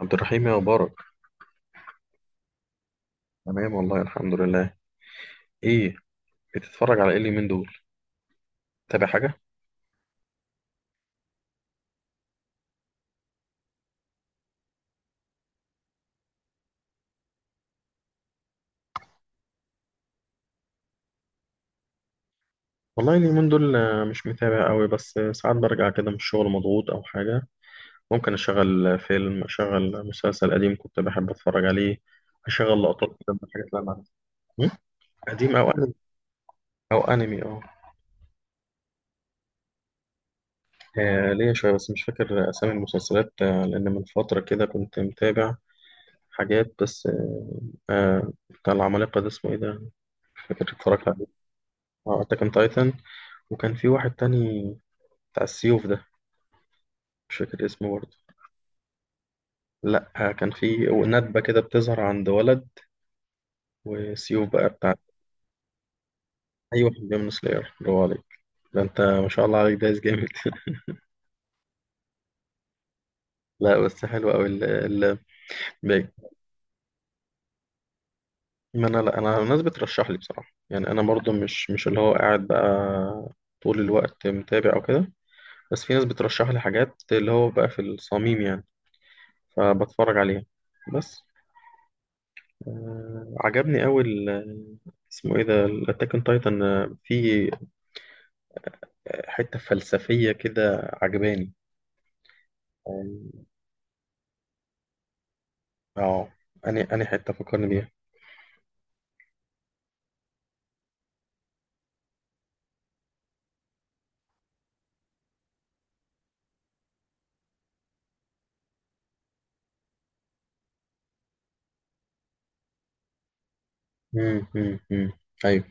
عبد الرحيم يا مبارك. تمام والله الحمد لله. ايه؟ بتتفرج على ايه اليومين دول؟ تابع حاجة؟ والله اليومين دول، مش متابع قوي. بس ساعات برجع كده من الشغل مضغوط او حاجة. ممكن اشغل فيلم، اشغل مسلسل قديم كنت بحب اتفرج عليه. اشغل لقطات كده من الحاجات اللي انا عارفها. م؟ قديم او انمي. او انمي اه. ليا شوية بس مش فاكر اسامي المسلسلات. لان من فترة كده كنت متابع حاجات بس. بتاع العمالقة ده اسمه ايه ده؟ مش فاكر اتفرجت عليه. اه، اتاك اون تايتن. وكان في واحد تاني، بتاع السيوف ده، مش فاكر اسمه برضه. لا كان في ندبة كده بتظهر عند ولد وسيوف بقى بتاع. أي واحد من سلاير، برافو عليك. ده انت ما شاء الله عليك دايس جامد لا بس حلو قوي ال باقي. ما انا لا، انا الناس بترشح لي بصراحة، يعني انا برضه مش اللي هو قاعد بقى طول الوقت متابع او كده. بس في ناس بترشح لي حاجات اللي هو بقى في الصميم يعني، فبتفرج عليها بس. عجبني قوي ال-، اسمه ايه ده، الاتاك اون تايتن. في حتة فلسفية كده عجباني يعني اه. أني حتة فكرني بيها. مم، مم، مم. أيوه.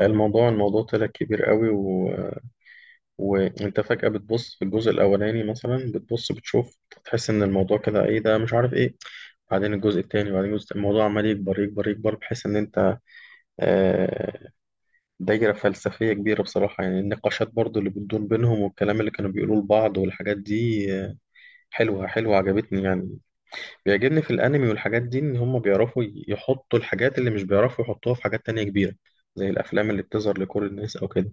الموضوع طلع كبير قوي و... وأنت فجأة بتبص في الجزء الأولاني مثلا، بتبص بتشوف، تحس إن الموضوع كده إيه ده، مش عارف إيه. بعدين الجزء التاني، بعدين الجزء، الموضوع عمال يكبر يكبر يكبر بحيث إن أنت آه، دايرة فلسفية كبيرة بصراحة. يعني النقاشات برضو اللي بتدور بينهم والكلام اللي كانوا بيقولوه لبعض والحاجات دي حلوة حلوة، عجبتني يعني. بيعجبني في الانمي والحاجات دي ان هم بيعرفوا يحطوا الحاجات اللي مش بيعرفوا يحطوها في حاجات تانية كبيرة زي الافلام اللي بتظهر لكل الناس او كده.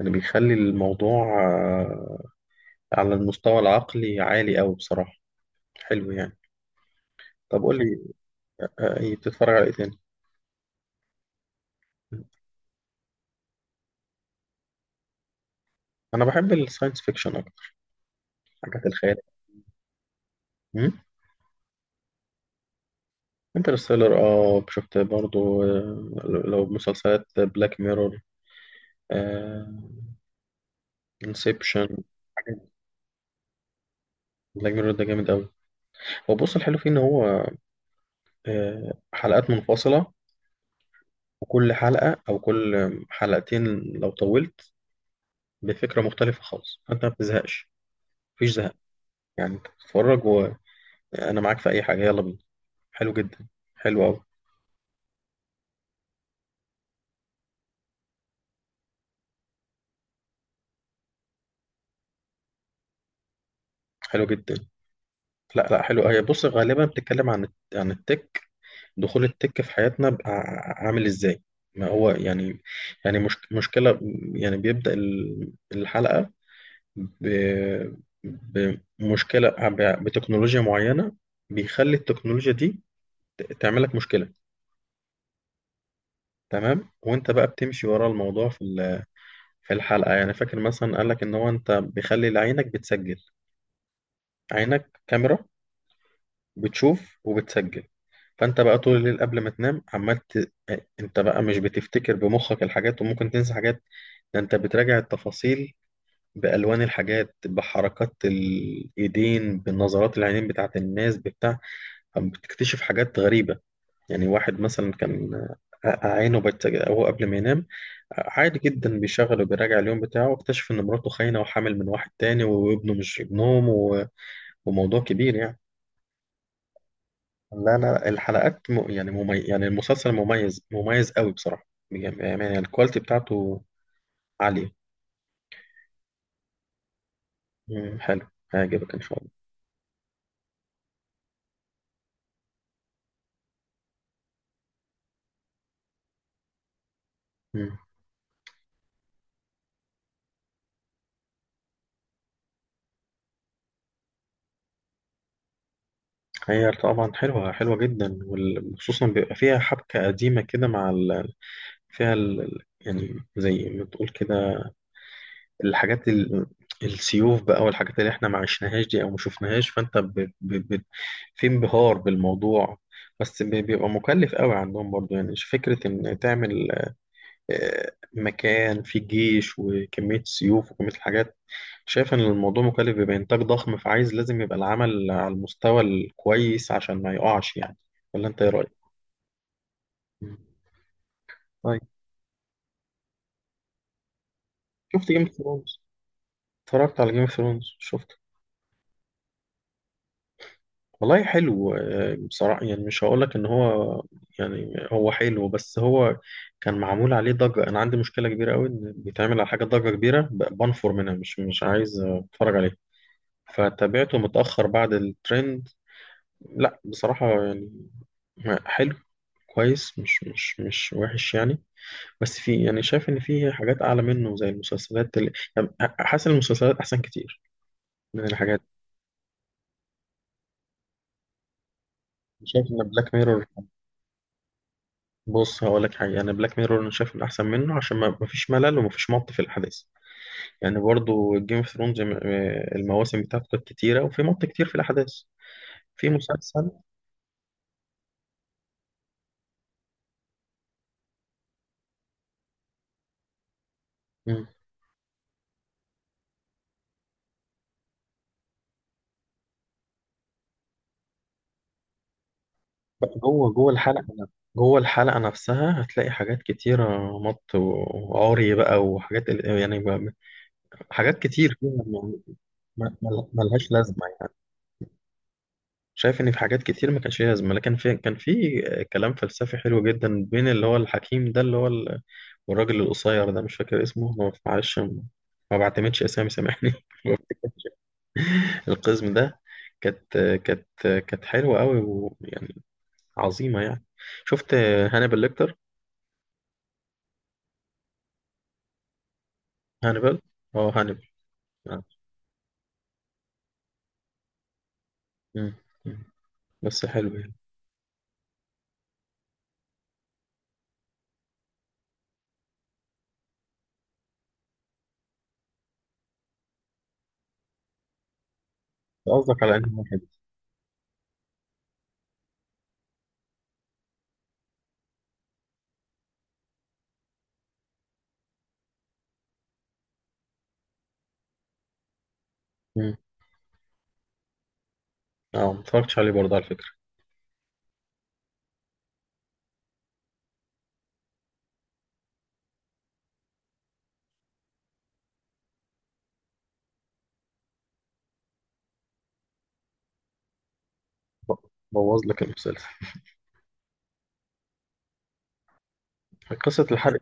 يعني بيخلي الموضوع على المستوى العقلي عالي قوي بصراحة. حلو يعني. طب قول لي، إيه بتتفرج على ايه تاني؟ انا بحب الساينس فيكشن اكتر، حاجات الخيال. امم. انترستيلر اه، شفت برضو. لو مسلسلات، بلاك ميرور، انسبشن. بلاك ميرور ده جامد قوي. هو بص، الحلو فيه ان هو حلقات منفصلة، وكل حلقة أو كل حلقتين لو طولت بفكرة مختلفة خالص، فأنت ما بتزهقش، مفيش زهق. يعني أنت بتتفرج وأنا معاك في أي حاجة، يلا بينا. حلو جدا. حلو أوي. حلو جدا. لا لا، حلو. هي بص، غالبا بتتكلم عن عن التك، دخول التك في حياتنا بقى عامل إزاي. ما هو يعني، يعني مش مشكلة. يعني بيبدأ الحلقة ب- بمشكلة، بتكنولوجيا معينة، بيخلي التكنولوجيا دي تعمل لك مشكله. تمام وانت بقى بتمشي ورا الموضوع في في الحلقه. يعني فاكر مثلا قال لك ان هو، انت بيخلي عينك بتسجل، عينك كاميرا بتشوف وبتسجل، فانت بقى طول الليل قبل ما تنام عمال ت... انت بقى مش بتفتكر بمخك الحاجات وممكن تنسى حاجات. ده انت بتراجع التفاصيل، بالوان الحاجات، بحركات الايدين، بنظرات العينين بتاعت الناس بتاع. بتكتشف حاجات غريبه. يعني واحد مثلا كان عينه بت... هو قبل ما ينام عادي جدا بيشغل وبيراجع اليوم بتاعه، واكتشف ان مراته خاينة وحامل من واحد تاني وابنه مش ابنهم و... وموضوع كبير يعني. لا لا، الحلقات م... يعني ممي... يعني المسلسل مميز، مميز قوي بصراحة بجد. يعني الكواليتي بتاعته عالية. مم، حلو. هيعجبك ان شاء الله. مم. هي طبعا حلوة، حلوة جدا، وخصوصا بيبقى فيها حبكة قديمة كده مع ال... فيها ال... يعني زي ما تقول كده، الحاجات ال... السيوف بقى والحاجات اللي احنا ما عشناهاش دي او ما شفناهاش، فانت ب... ب... ب... في انبهار بالموضوع. بس بيبقى مكلف قوي عندهم برضو. يعني فكرة ان تعمل مكان فيه جيش وكمية سيوف وكمية الحاجات. شايف ان الموضوع مكلف، بيبقى انتاج ضخم، فعايز لازم يبقى العمل على المستوى الكويس عشان ما يقعش يعني. ولا انت ايه رأيك؟ مم. طيب، شفت جيم اوف ثرونز؟ اتفرجت على جيم اوف ثرونز شفت. والله حلو، بصراحة. يعني مش هقولك إن هو، يعني هو حلو بس هو كان معمول عليه ضجة. أنا عندي مشكلة كبيرة أوي إن بيتعمل على حاجة ضجة كبيرة، بنفر منها، مش عايز أتفرج عليه. فتابعته متأخر بعد الترند. لا بصراحة يعني حلو، كويس، مش وحش يعني. بس في، يعني شايف إن في حاجات أعلى منه زي المسلسلات اللي يعني حاسس إن المسلسلات أحسن كتير من الحاجات. شايف إن بلاك ميرور، بص هقول لك حاجه، انا بلاك ميرور انا شايف انه احسن منه عشان ما مفيش ملل ومفيش مط في الاحداث. يعني برضو جيم اوف ثرونز المواسم بتاعته كانت كتيره وفي مط كتير في الاحداث. في مسلسل. مم. بقى جوه، جوه الحلقه، جوه الحلقه نفسها هتلاقي حاجات كتيره، مط وعري بقى وحاجات ال-، يعني بقى-، حاجات كتير فيها يعني. ملهاش لازمه يعني. شايف ان في حاجات كتير ما كانش ليها لازمه، لكن في، كان في كلام فلسفي حلو جدا بين اللي هو الحكيم ده اللي هو، والراجل القصير ده مش فاكر اسمه، ما بفعلش، ما بعتمدش اسامي سامحني. القزم ده، كانت كانت كانت حلوه قوي ويعني عظيمه يعني. شفت هانيبال ليكتر؟ هانيبال، اه هانيبال. آه. مم. مم. بس حلو يعني. قصدك على انهي واحد؟ مم. اه، ما اتفرجتش عليه برضه على فكره. ب- بوظ لك المسلسل. قصة الحرق.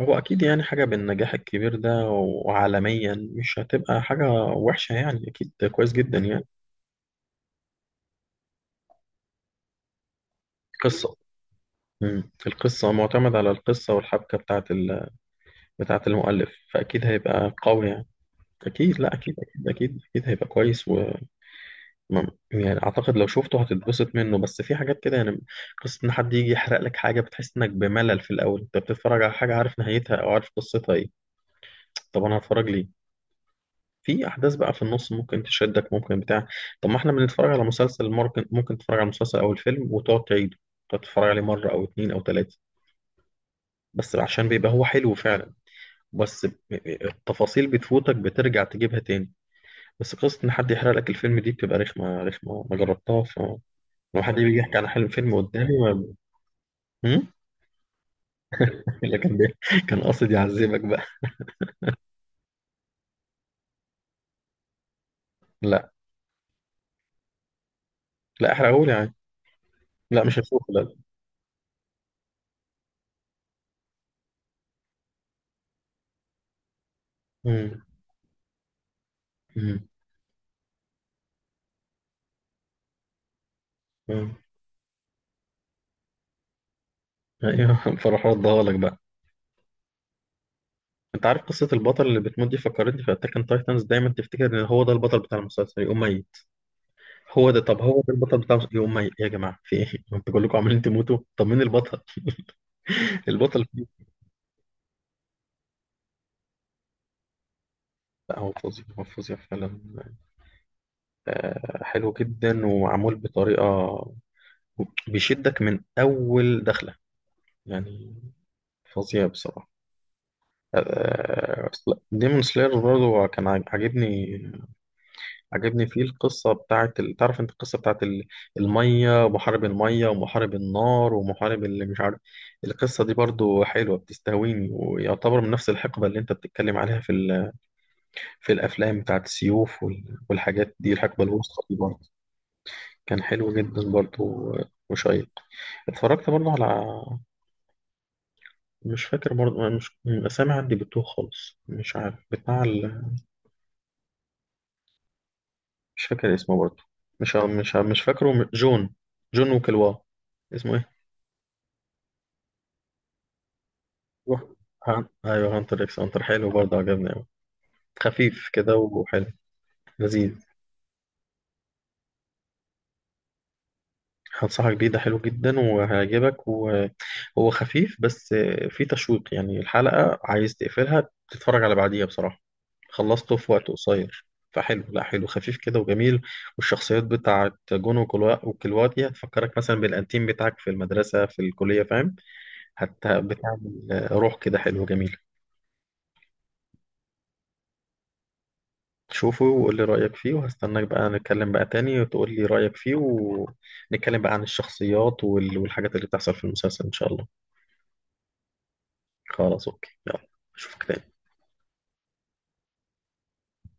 هو أكيد يعني، حاجة بالنجاح الكبير ده وعالميا مش هتبقى حاجة وحشة يعني، أكيد كويس جدا يعني. قصة. مم. القصة معتمد على القصة والحبكة بتاعة ال... بتاعة المؤلف، فأكيد هيبقى قوي يعني. أكيد، لا أكيد أكيد أكيد أكيد هيبقى كويس و يعني أعتقد لو شفته هتتبسط منه بس في حاجات كده يعني. قصة إن حد يجي يحرق لك حاجة بتحس إنك بملل في الأول، أنت بتتفرج على حاجة عارف نهايتها أو عارف قصتها إيه. طب أنا هتفرج ليه؟ في أحداث بقى في النص ممكن تشدك، ممكن بتاع. طب ما إحنا بنتفرج على مسلسل، ممكن تتفرج على مسلسل أو الفيلم وتقعد تعيده، تقعد تتفرج عليه مرة أو اتنين أو تلاتة بس عشان بيبقى هو حلو فعلا. بس التفاصيل بتفوتك، بترجع تجيبها تاني. بس قصة إن حد يحرق لك الفيلم دي بتبقى رخمة، رخمة، ما جربتها. فلو حد بيجي يحكي عن حلم فيلم قدامي ما... هم؟ لا كان بي... كان قاصد يعذبك بقى. لا لا، احرقهولي يعني، لا مش هشوفه لا. مم. مم. مم. ايوه فراح ردها لك بقى. انت عارف قصة البطل اللي بتموت دي فكرتني في اتاك اون تايتنز، دايما تفتكر ان هو ده البطل بتاع المسلسل يقوم ميت. هو ده، طب هو ده البطل بتاع المسلسل يقوم ميت، يا جماعة في ايه انتوا كلكم عمالين تموتوا، طب مين البطل؟ البطل. لا هو فظيع، هو فظيع فعلا، حلو جدا ومعمول بطريقة بيشدك من أول دخلة، يعني فظيع بصراحة. لا، ديمون سلاير برضه كان عاجبني. عاجبني فيه القصة بتاعت ال-، تعرف انت القصة بتاعت ال-، المية ومحارب المية ومحارب النار ومحارب اللي مش عارف. القصة دي برضه حلوة، بتستهويني، ويعتبر من نفس الحقبة اللي انت بتتكلم عليها في ال-، في الأفلام بتاعت السيوف وال- والحاجات دي الحقبة الوسطى دي برضه. كان حلو جدا برضه وشيق. اتفرجت برضه على، مش فاكر برضه، مش الأسامي عندي بتوه خالص، مش عارف بتاع ال... مش فاكر اسمه برضه. مش ع-، مش ع-، مش فاكره م-، جون، جون وكلوا، اسمه ايه؟ روح، ها- ايوه، هانتر اكس هانتر حلو برضه، عجبني أوي. خفيف كده وحلو، لذيذ. هنصحك بيه، ده حلو جدا وهيعجبك، وهو خفيف بس فيه تشويق. يعني الحلقة عايز تقفلها تتفرج على بعديها بصراحة، خلصته في وقت قصير. فحلو، لا حلو، خفيف كده وجميل. والشخصيات بتاعت جون وكلواتي هتفكرك مثلا بالأنتيم بتاعك في المدرسة في الكلية فاهم. حتى بتعمل روح كده حلو جميل. شوفه وقول لي رأيك فيه، وهستناك بقى، نتكلم بقى تاني وتقول لي رأيك فيه، ونتكلم بقى عن الشخصيات وال- والحاجات اللي بتحصل في المسلسل إن شاء الله. خلاص اوكي يلا. اشوفك تاني.